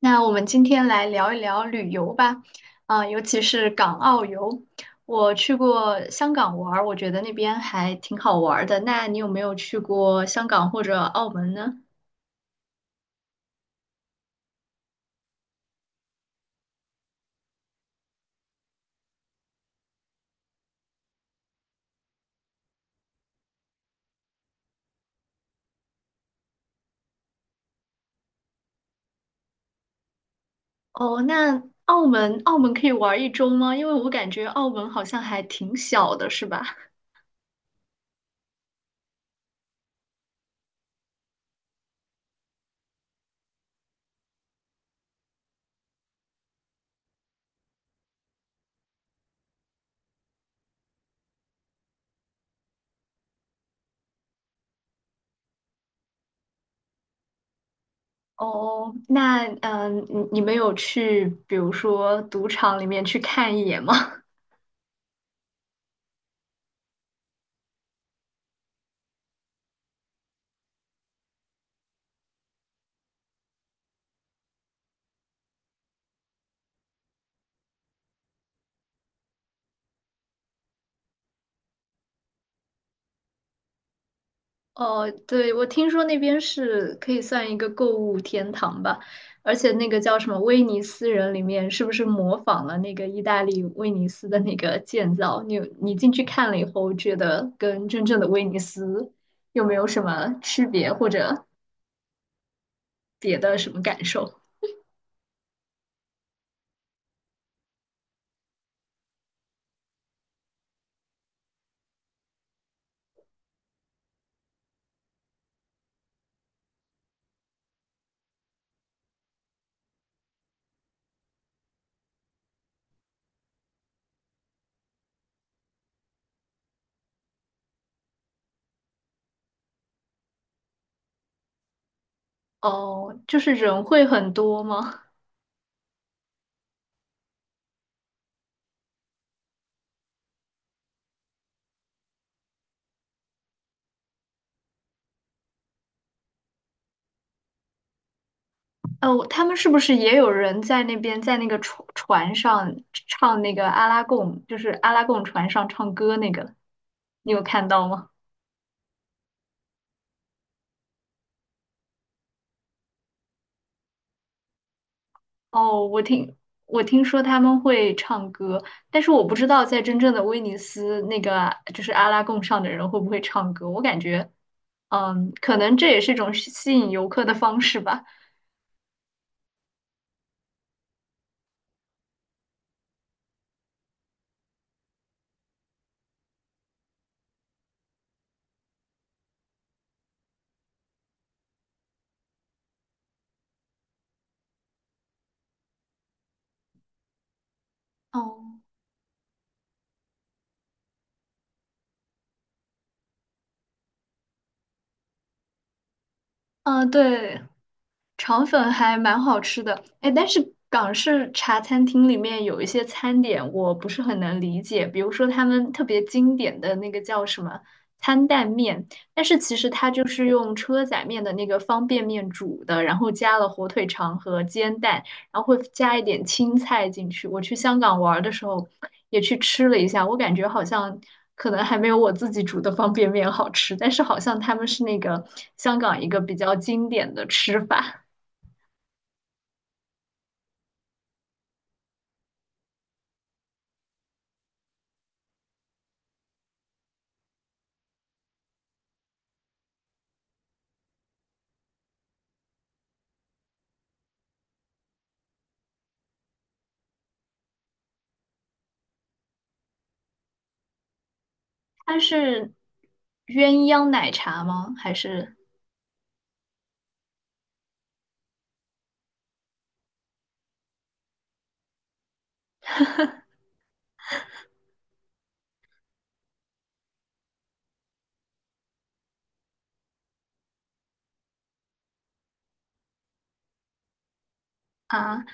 那我们今天来聊一聊旅游吧，尤其是港澳游。我去过香港玩儿，我觉得那边还挺好玩儿的。那你有没有去过香港或者澳门呢？哦，那澳门可以玩一周吗？因为我感觉澳门好像还挺小的，是吧？哦，那你们有去，比如说赌场里面去看一眼吗？哦，对，我听说那边是可以算一个购物天堂吧，而且那个叫什么威尼斯人里面，是不是模仿了那个意大利威尼斯的那个建造？你进去看了以后，觉得跟真正的威尼斯有没有什么区别，或者别的什么感受？哦，就是人会很多吗？哦，他们是不是也有人在那边，在那个船上唱那个阿拉贡，就是阿拉贡船上唱歌那个？你有看到吗？哦，我听我听说他们会唱歌，但是我不知道在真正的威尼斯那个就是阿拉贡上的人会不会唱歌。我感觉，嗯，可能这也是一种吸引游客的方式吧。哦，嗯，对。肠粉还蛮好吃的，哎，但是港式茶餐厅里面有一些餐点我不是很能理解，比如说他们特别经典的那个叫什么餐蛋面，但是其实它就是用车仔面的那个方便面煮的，然后加了火腿肠和煎蛋，然后会加一点青菜进去。我去香港玩儿的时候也去吃了一下，我感觉好像。可能还没有我自己煮的方便面好吃，但是好像他们是那个香港一个比较经典的吃法。它是鸳鸯奶茶吗？还是啊？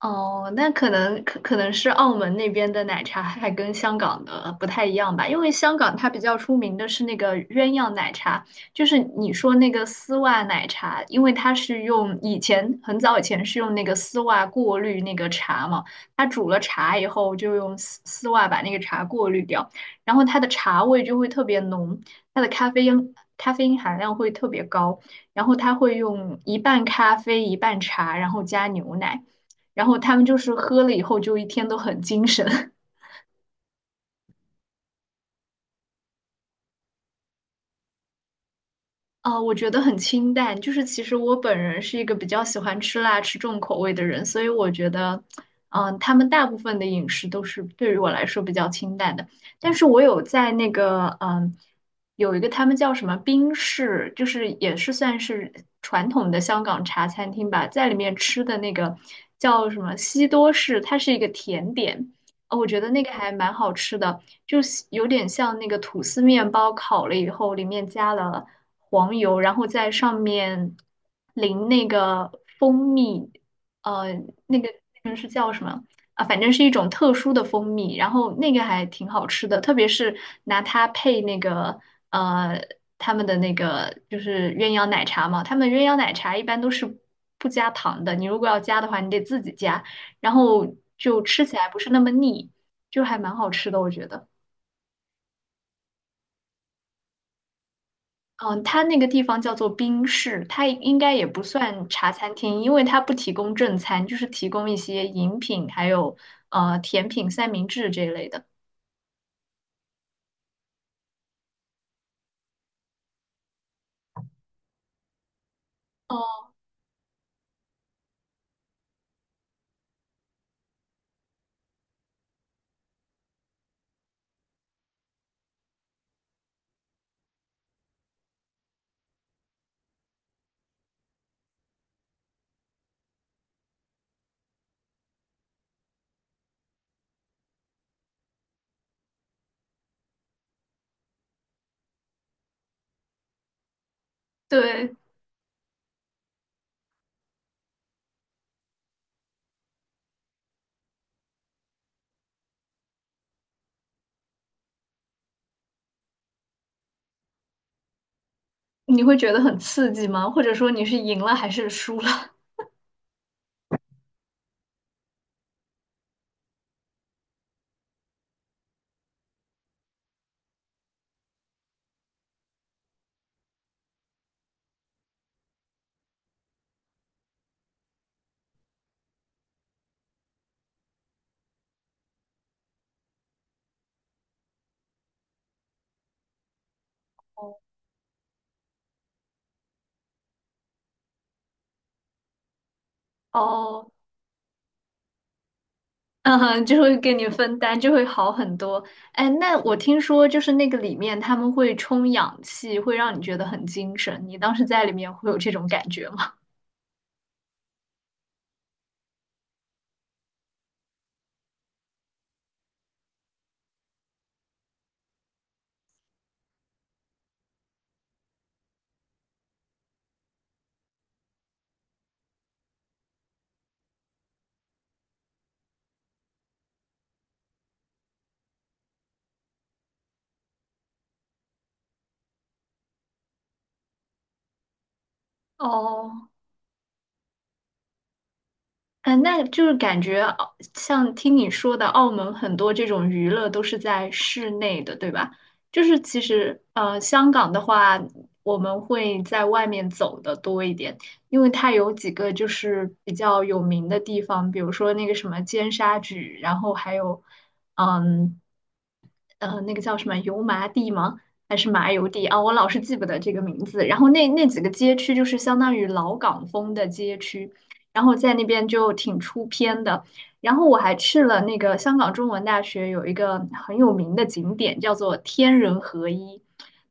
哦，那可能可能是澳门那边的奶茶还跟香港的不太一样吧，因为香港它比较出名的是那个鸳鸯奶茶，就是你说那个丝袜奶茶，因为它是用以前很早以前是用那个丝袜过滤那个茶嘛，它煮了茶以后就用丝袜把那个茶过滤掉，然后它的茶味就会特别浓，它的咖啡因含量会特别高，然后它会用一半咖啡一半茶，然后加牛奶。然后他们就是喝了以后就一天都很精神。啊，我觉得很清淡，就是其实我本人是一个比较喜欢吃辣、吃重口味的人，所以我觉得，他们大部分的饮食都是对于我来说比较清淡的。但是我有在那个，有一个他们叫什么冰室，就是也是算是传统的香港茶餐厅吧，在里面吃的那个叫什么西多士，它是一个甜点，我觉得那个还蛮好吃的，就是有点像那个吐司面包烤了以后，里面加了。黄油，然后在上面淋那个蜂蜜，呃，那个那个是叫什么啊？反正是一种特殊的蜂蜜，然后那个还挺好吃的，特别是拿它配那个呃他们的那个就是鸳鸯奶茶嘛，他们鸳鸯奶茶一般都是不加糖的，你如果要加的话，你得自己加，然后就吃起来不是那么腻，就还蛮好吃的，我觉得。嗯，它那个地方叫做冰室，它应该也不算茶餐厅，因为它不提供正餐，就是提供一些饮品，还有甜品、三明治这一类的。哦，对，你会觉得很刺激吗？或者说你是赢了还是输了？哦，嗯哼，就会给你分担，就会好很多。哎，那我听说就是那个里面他们会充氧气，会让你觉得很精神。你当时在里面会有这种感觉吗？哦。那就是感觉澳像听你说的，澳门很多这种娱乐都是在室内的，对吧？就是其实，香港的话，我们会在外面走的多一点，因为它有几个就是比较有名的地方，比如说那个什么尖沙咀，然后还有，嗯，那个叫什么油麻地吗？还是麻油地啊？我老是记不得这个名字。然后那几个街区就是相当于老港风的街区，然后在那边就挺出片的。然后我还去了那个香港中文大学有一个很有名的景点，叫做天人合一，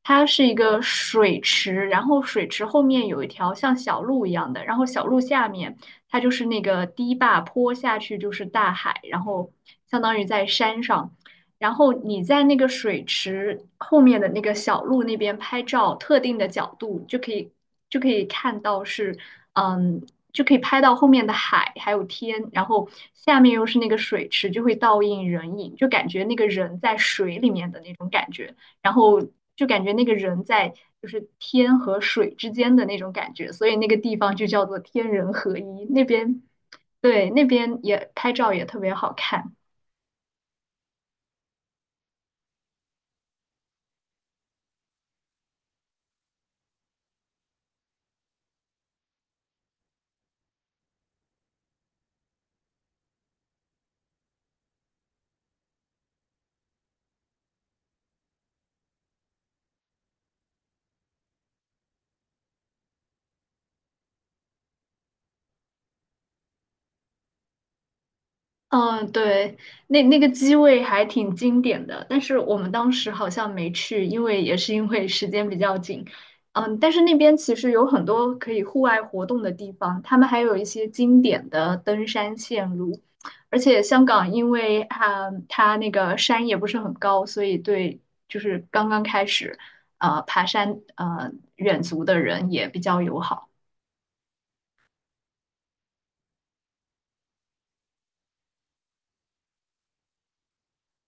它是一个水池，然后水池后面有一条像小路一样的，然后小路下面它就是那个堤坝，坡下去就是大海，然后相当于在山上。然后你在那个水池后面的那个小路那边拍照，特定的角度就可以看到是，嗯，就可以拍到后面的海还有天，然后下面又是那个水池，就会倒映人影，就感觉那个人在水里面的那种感觉，然后就感觉那个人在就是天和水之间的那种感觉，所以那个地方就叫做天人合一。那边对那边也拍照也特别好看。嗯，对，那那个机位还挺经典的，但是我们当时好像没去，因为也是因为时间比较紧。嗯，但是那边其实有很多可以户外活动的地方，他们还有一些经典的登山线路，而且香港因为它那个山也不是很高，所以对就是刚刚开始爬山远足的人也比较友好。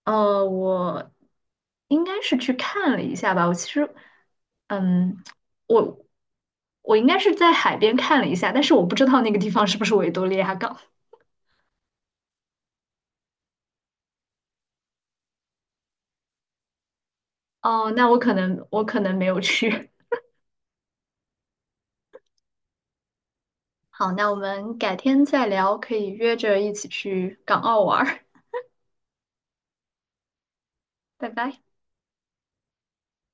我应该是去看了一下吧。我其实，嗯，我我应该是在海边看了一下，但是我不知道那个地方是不是维多利亚港。哦，那我可能没有去。好，那我们改天再聊，可以约着一起去港澳玩儿。拜拜。